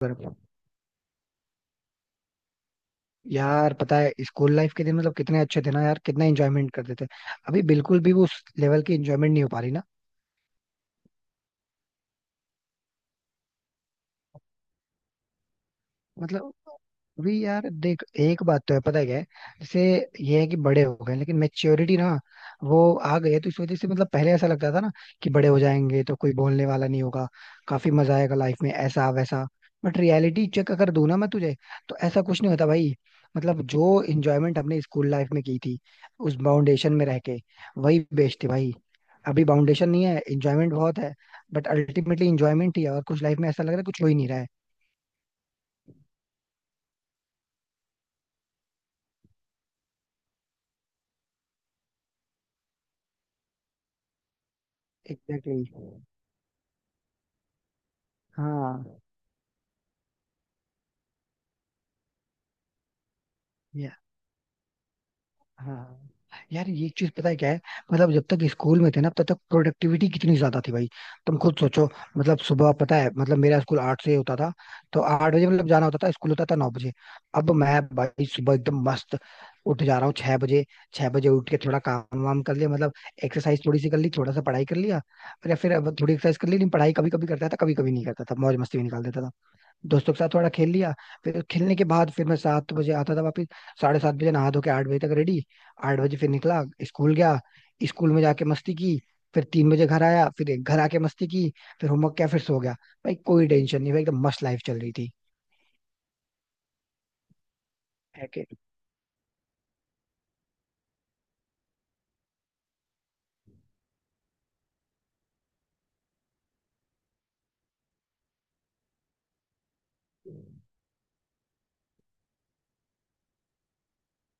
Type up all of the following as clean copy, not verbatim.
पर यार पता है स्कूल लाइफ के दिन मतलब कितने अच्छे थे ना यार। कितना एंजॉयमेंट करते थे। अभी बिल्कुल भी वो उस लेवल की एंजॉयमेंट नहीं हो पा रही ना। मतलब अभी यार देख एक बात तो है पता है क्या है। जैसे ये है कि बड़े हो गए लेकिन मेच्योरिटी ना वो आ गई है। तो इस वजह से मतलब पहले ऐसा लगता था ना कि बड़े हो जाएंगे तो कोई बोलने वाला नहीं होगा, काफी मजा आएगा लाइफ में ऐसा वैसा। बट रियलिटी चेक अगर दूं ना मैं तुझे तो ऐसा कुछ नहीं होता भाई। मतलब जो इंजॉयमेंट हमने स्कूल लाइफ में की थी उस फाउंडेशन में रह के वही बेस्ट थी भाई। अभी फाउंडेशन नहीं है, इंजॉयमेंट बहुत है। बट अल्टीमेटली इंजॉयमेंट ही है और कुछ लाइफ में ऐसा लग रहा है कुछ हो ही नहीं रहा है। एग्जैक्टली। हाँ। या, हाँ यार, ये चीज पता है क्या है। मतलब जब तक स्कूल में थे ना तब तक प्रोडक्टिविटी कितनी ज्यादा थी भाई, तुम खुद सोचो। मतलब सुबह पता है मतलब मेरा स्कूल 8 से होता था। तो 8 बजे मतलब जाना होता था, स्कूल होता था 9 बजे। अब मैं भाई सुबह एकदम मस्त उठ जा रहा हूँ 6 बजे। 6 बजे उठ के थोड़ा काम वाम कर लिया मतलब। एक्सरसाइज थोड़ी सी कर ली, थोड़ा सा पढ़ाई कर लिया और या फिर अब थोड़ी एक्सरसाइज कर ली लेकिन पढ़ाई कभी कभी करता था कभी कभी नहीं करता था, मौज मस्ती में निकाल देता था। दोस्तों के साथ थोड़ा खेल लिया। फिर खेलने के बाद फिर मैं 7 बजे आता था वापस। 7:30 बजे नहा धो के 8 बजे तक रेडी। 8 बजे फिर निकला स्कूल गया। स्कूल में जाके मस्ती की। फिर 3 बजे घर आया, फिर एक घर आके मस्ती की। फिर होमवर्क किया फिर सो गया। भाई कोई टेंशन नहीं भाई, एकदम मस्त लाइफ चल रही थी। है कि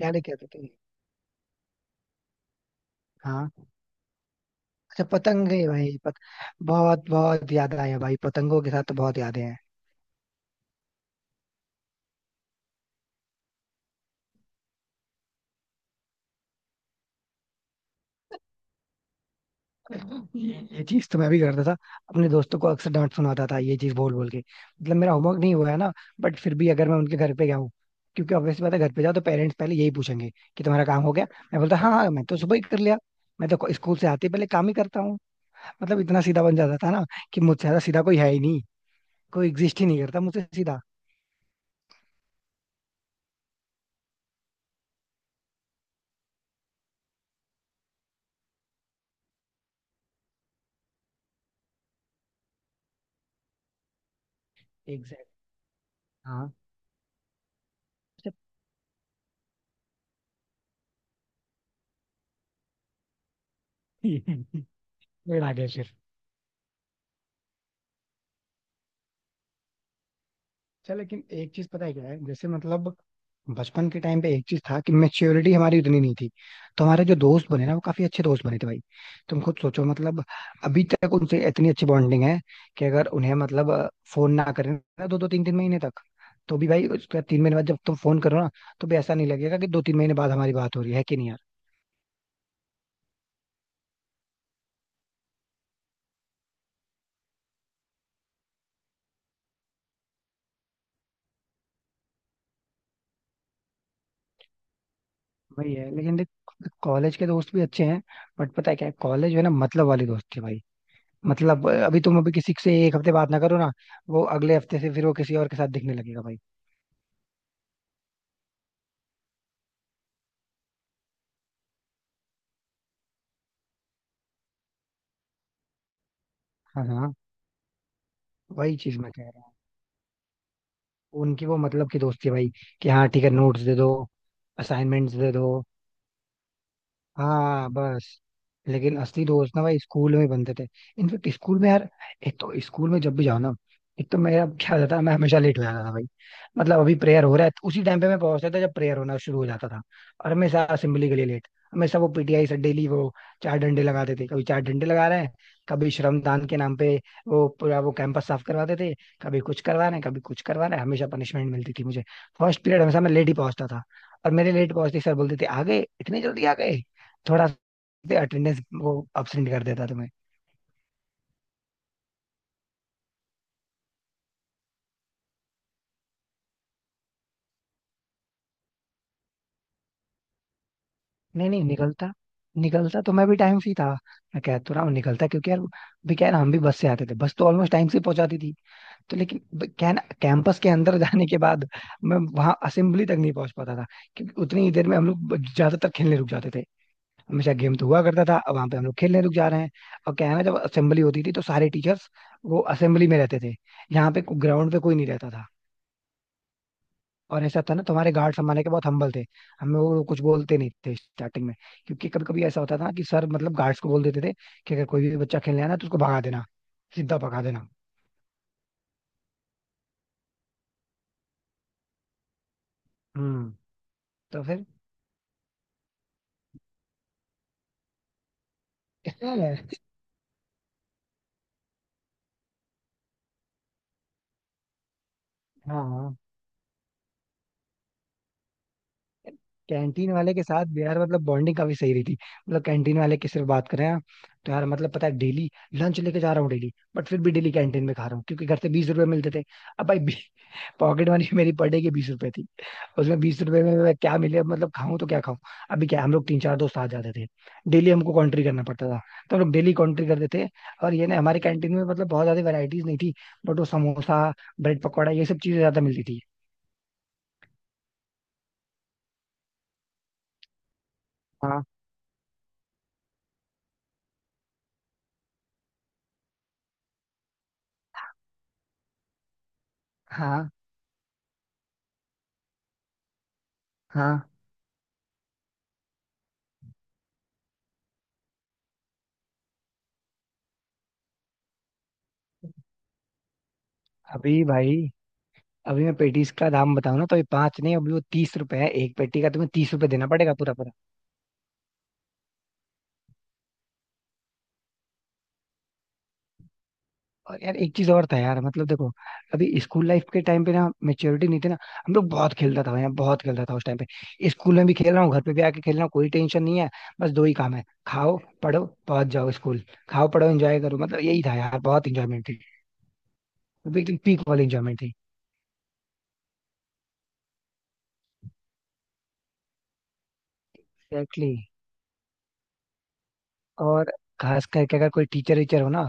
याद है क्या लेके आते थे। हाँ। अच्छा पतंग है भाई बहुत बहुत याद आया भाई, पतंगों के साथ तो बहुत यादें हैं। ये चीज तो मैं भी करता था। अपने दोस्तों को अक्सर डांट सुनाता था ये चीज बोल बोल के, मतलब मेरा होमवर्क नहीं हुआ है ना। बट फिर भी अगर मैं उनके घर पे गया हूँ, क्योंकि ऑब्वियसली बात है घर पे जाओ तो पेरेंट्स पहले यही पूछेंगे कि तुम्हारा काम हो गया। मैं बोलता हाँ हाँ मैं तो सुबह ही कर लिया। मैं तो स्कूल से आते ही पहले काम ही करता हूँ। मतलब इतना सीधा बन जाता था ना कि मुझसे ज्यादा सीधा कोई है ही नहीं। कोई एग्जिस्ट ही नहीं करता मुझसे सीधा। एग्जैक्ट। हाँ। फिर आगे फिर। अच्छा लेकिन एक चीज पता है क्या है, जैसे मतलब बचपन के टाइम पे एक चीज था कि मेच्योरिटी हमारी उतनी नहीं थी। तो हमारे जो दोस्त बने ना वो काफी अच्छे दोस्त बने थे भाई। तुम खुद सोचो, मतलब अभी तक उनसे इतनी अच्छी बॉन्डिंग है कि अगर उन्हें मतलब फोन ना करें ना दो दो तीन तीन महीने तक, तो भी भाई उसके बाद 3 महीने बाद जब तुम फोन करो ना तो भी ऐसा नहीं लगेगा कि 2-3 महीने बाद हमारी बात हो रही है कि नहीं यार। वही है लेकिन देख, कॉलेज के दोस्त भी अच्छे हैं। बट पता है क्या है, कॉलेज जो है ना मतलब वाले दोस्त थे भाई। मतलब अभी तुम अभी किसी से एक हफ्ते बात ना करो ना, वो अगले हफ्ते से फिर वो किसी और के साथ दिखने लगेगा भाई। हाँ हाँ। वही चीज मैं कह रहा हूँ। उनकी वो मतलब की दोस्ती है भाई, कि हाँ ठीक है नोट्स दे दो, असाइनमेंट्स दे दो। हाँ बस। लेकिन असली दोस्त ना भाई स्कूल में ही बनते थे। इनफेक्ट स्कूल में यार, एक तो स्कूल में जब भी जाओ ना, एक तो मेरा क्या होता था मैं हमेशा लेट हो जाता था भाई। मतलब अभी प्रेयर हो रहा है उसी टाइम पे मैं पहुंचता था जब प्रेयर होना शुरू हो जाता था। और हमेशा असेंबली के लिए लेट। हमेशा वो पीटीआई से डेली वो चार डंडे लगाते थे, कभी चार डंडे लगा रहे हैं, कभी श्रमदान के नाम पे वो पूरा वो कैंपस साफ करवाते थे। कभी कुछ करवा रहे हैं कभी कुछ करवा रहे हैं, हमेशा पनिशमेंट मिलती थी मुझे। फर्स्ट पीरियड हमेशा मैं लेट ही पहुंचता था। और मेरे लेट पहुंचते ही सर बोलते थे आ गए, इतने जल्दी आ गए। थोड़ा अटेंडेंस वो अब्सेंट कर देता तुम्हें। नहीं नहीं, निकलता निकलता तो मैं भी टाइम से ही था। मैं कह तो रहा हूँ निकलता क्योंकि यार भी क्या है ना, हम भी बस से आते थे, बस तो ऑलमोस्ट टाइम से ही पहुंचाती थी। तो लेकिन क्या है ना कैंपस के अंदर जाने के बाद मैं वहां असेंबली तक नहीं पहुंच पाता था। क्योंकि उतनी ही देर में हम लोग ज्यादातर खेलने रुक जाते थे। हमेशा गेम तो हुआ करता था, अब वहां पे हम लोग खेलने रुक जा रहे हैं। और क्या है ना, जब असेंबली होती थी तो सारे टीचर्स वो असेंबली में रहते थे। यहाँ पे ग्राउंड पे कोई नहीं रहता था। और ऐसा था ना तुम्हारे गार्ड्स हमारे के बहुत हम्बल थे। हमें वो कुछ बोलते नहीं थे स्टार्टिंग में। क्योंकि कभी कभी ऐसा होता था कि सर मतलब गार्ड्स को बोल देते थे कि अगर कोई भी बच्चा खेलने आया ना तो उसको भगा देना, सीधा भगा देना। हम्म। तो फिर। हाँ। कैंटीन वाले के साथ भी यार मतलब बॉन्डिंग काफी सही रही थी। मतलब कैंटीन वाले की सिर्फ बात करें आप, तो यार मतलब पता है डेली लंच लेके जा रहा हूँ डेली, बट फिर भी डेली कैंटीन में खा रहा हूँ क्योंकि घर से 20 रुपए मिलते थे। अब भाई पॉकेट मनी मेरी पर डे की 20 रुपए थी। उसमें 20 रुपए में मैं क्या मिले मतलब खाऊं तो क्या खाऊं। अभी क्या है, हम लोग तीन चार दोस्त आ जाते थे, डेली हमको कॉन्ट्री करना पड़ता था। तो हम लोग डेली कॉन्ट्री करते थे। और ये ना हमारी कैंटीन में मतलब बहुत ज्यादा वेराइटीज नहीं थी। बट वो समोसा, ब्रेड पकौड़ा ये सब चीजें ज्यादा मिलती थी। हाँ हाँ हाँ। अभी भाई अभी मैं पेटीज का दाम बताऊं ना तो ये पांच नहीं, अभी वो 30 रुपए है एक पेटी का। तुम्हें 30 रुपए देना पड़ेगा पूरा पूरा। और यार एक चीज और था यार मतलब देखो, अभी स्कूल लाइफ के टाइम पे ना मेच्योरिटी नहीं थी ना। हम लोग बहुत खेलता था यार बहुत खेलता था उस टाइम पे, स्कूल में भी खेल रहा हूँ घर पे भी आके खेल रहा हूँ, कोई टेंशन नहीं है। बस दो ही काम है, खाओ पढ़ो पहुंच जाओ स्कूल। खाओ पढ़ो एंजॉय करो, मतलब यही था यार, बहुत इंजॉयमेंट थी। मतलब एकदम पीक वाली इंजॉयमेंट थी। एग्जैक्टली। और खास करके अगर कोई टीचर वीचर हो ना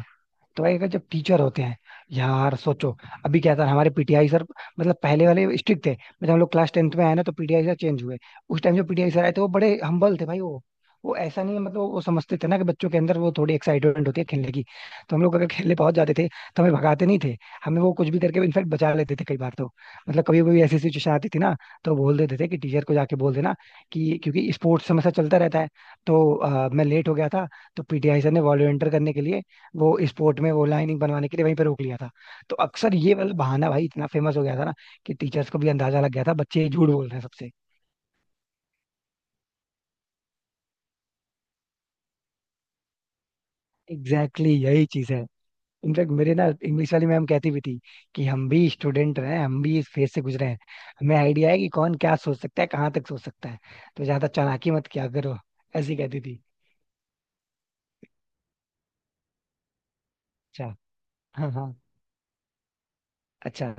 तो भाई, अगर जब टीचर होते हैं, यार सोचो। अभी क्या था हमारे पीटीआई सर, मतलब पहले वाले स्ट्रिक्ट थे, मतलब हम लोग क्लास 10th में आए ना तो पीटीआई सर चेंज हुए। उस टाइम जो पीटीआई सर आए थे वो बड़े हम्बल थे भाई। वो ऐसा नहीं है, मतलब वो समझते थे ना कि बच्चों के अंदर वो थोड़ी एक्साइटमेंट होती है खेलने की। तो हम लोग अगर खेलने पहुंच जाते थे तो हमें भगाते नहीं थे। हमें वो कुछ भी करके इनफेक्ट बचा लेते थे कई बार तो। मतलब कभी कभी ऐसी सिचुएशन आती थी ना, तो बोल देते थे कि टीचर को जाके बोल देना कि क्योंकि स्पोर्ट्स हमेशा चलता रहता है, तो मैं लेट हो गया था तो पीटीआई सर ने वॉलंटियर करने के लिए वो स्पोर्ट में वो लाइनिंग बनवाने के लिए वहीं पे रोक लिया था। तो अक्सर ये वाला बहाना भाई इतना फेमस हो गया था ना कि टीचर्स को भी अंदाजा लग गया था बच्चे झूठ बोल रहे हैं सबसे। एग्जैक्टली, exactly यही चीज है। इनफैक्ट मेरे ना इंग्लिश वाली मैम कहती भी थी कि हम भी स्टूडेंट रहे हैं, हम भी इस फेज से गुजरे हैं, हमें आइडिया है कि कौन क्या सोच सकता है कहाँ तक सोच सकता है, तो ज्यादा चालाकी मत किया करो। ऐसी कहती थी। अच्छा। हाँ हाँ। अच्छा।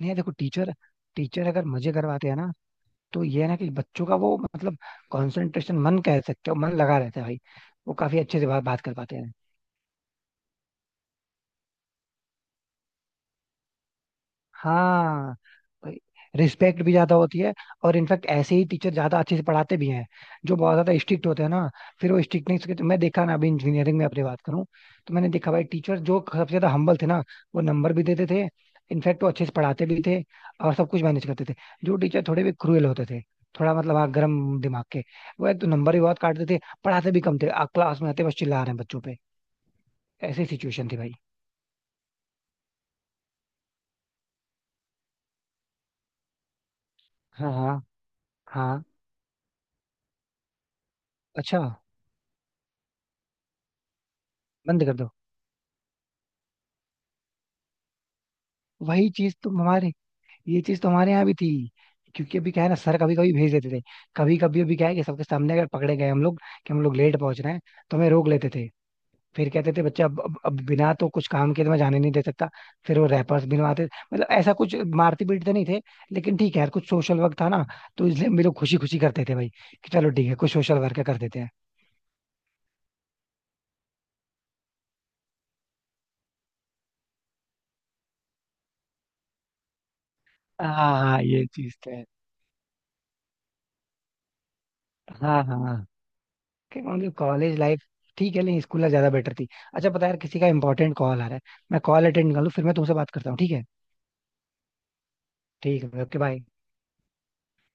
नहीं देखो टीचर, टीचर अगर मजे करवाते हैं ना तो ये है ना कि बच्चों का वो मतलब कंसंट्रेशन, मन कह सकते हो, मन लगा रहता है भाई। वो काफी अच्छे से बात कर पाते हैं। हाँ, रिस्पेक्ट भी ज्यादा होती है। और इनफैक्ट ऐसे ही टीचर ज्यादा अच्छे से पढ़ाते भी हैं। जो बहुत ज्यादा स्ट्रिक्ट होते हैं ना, फिर वो स्ट्रिक्टनेस के मैं देखा ना, अभी इंजीनियरिंग में अपनी बात करूँ तो मैंने देखा भाई टीचर जो सबसे ज्यादा हम्बल थे ना, वो नंबर भी देते थे। इनफैक्ट वो अच्छे से पढ़ाते भी थे और सब कुछ मैनेज करते थे। जो टीचर थोड़े भी क्रूएल होते थे, थोड़ा मतलब हाँ गर्म दिमाग के, वो एक तो नंबर भी बहुत काटते थे, पढ़ाते भी कम थे, क्लास में आते बस चिल्ला रहे हैं बच्चों पे। ऐसी सिचुएशन थी भाई। हाँ हाँ हाँ। अच्छा। बंद कर दो। वही चीज तुम हमारे, ये चीज तो हमारे यहाँ भी थी। क्योंकि अभी क्या है ना सर कभी कभी भेज देते थे। कभी कभी अभी क्या है कि सबके सामने अगर पकड़े गए हम लोग कि हम लोग लेट पहुंच रहे हैं, तो हमें रोक लेते थे। फिर कहते थे बच्चा अब बिना तो कुछ काम किए तो मैं जाने नहीं दे सकता। फिर वो रैपर्स बनवाते, मतलब ऐसा कुछ मारते पीटते नहीं थे। लेकिन ठीक है यार, कुछ सोशल वर्क था ना तो इसलिए हम भी लोग खुशी खुशी करते थे भाई कि चलो ठीक है कुछ सोशल वर्क कर देते हैं। हाँ हाँ ये चीज तो है। हाँ हाँ। कि मतलब कॉलेज लाइफ ठीक है लेकिन स्कूल लाइफ ज्यादा बेटर थी। अच्छा पता है यार किसी का इंपॉर्टेंट कॉल आ रहा है, मैं कॉल अटेंड कर लूँ फिर मैं तुमसे बात करता हूँ, ठीक है। ठीक है ओके बाय।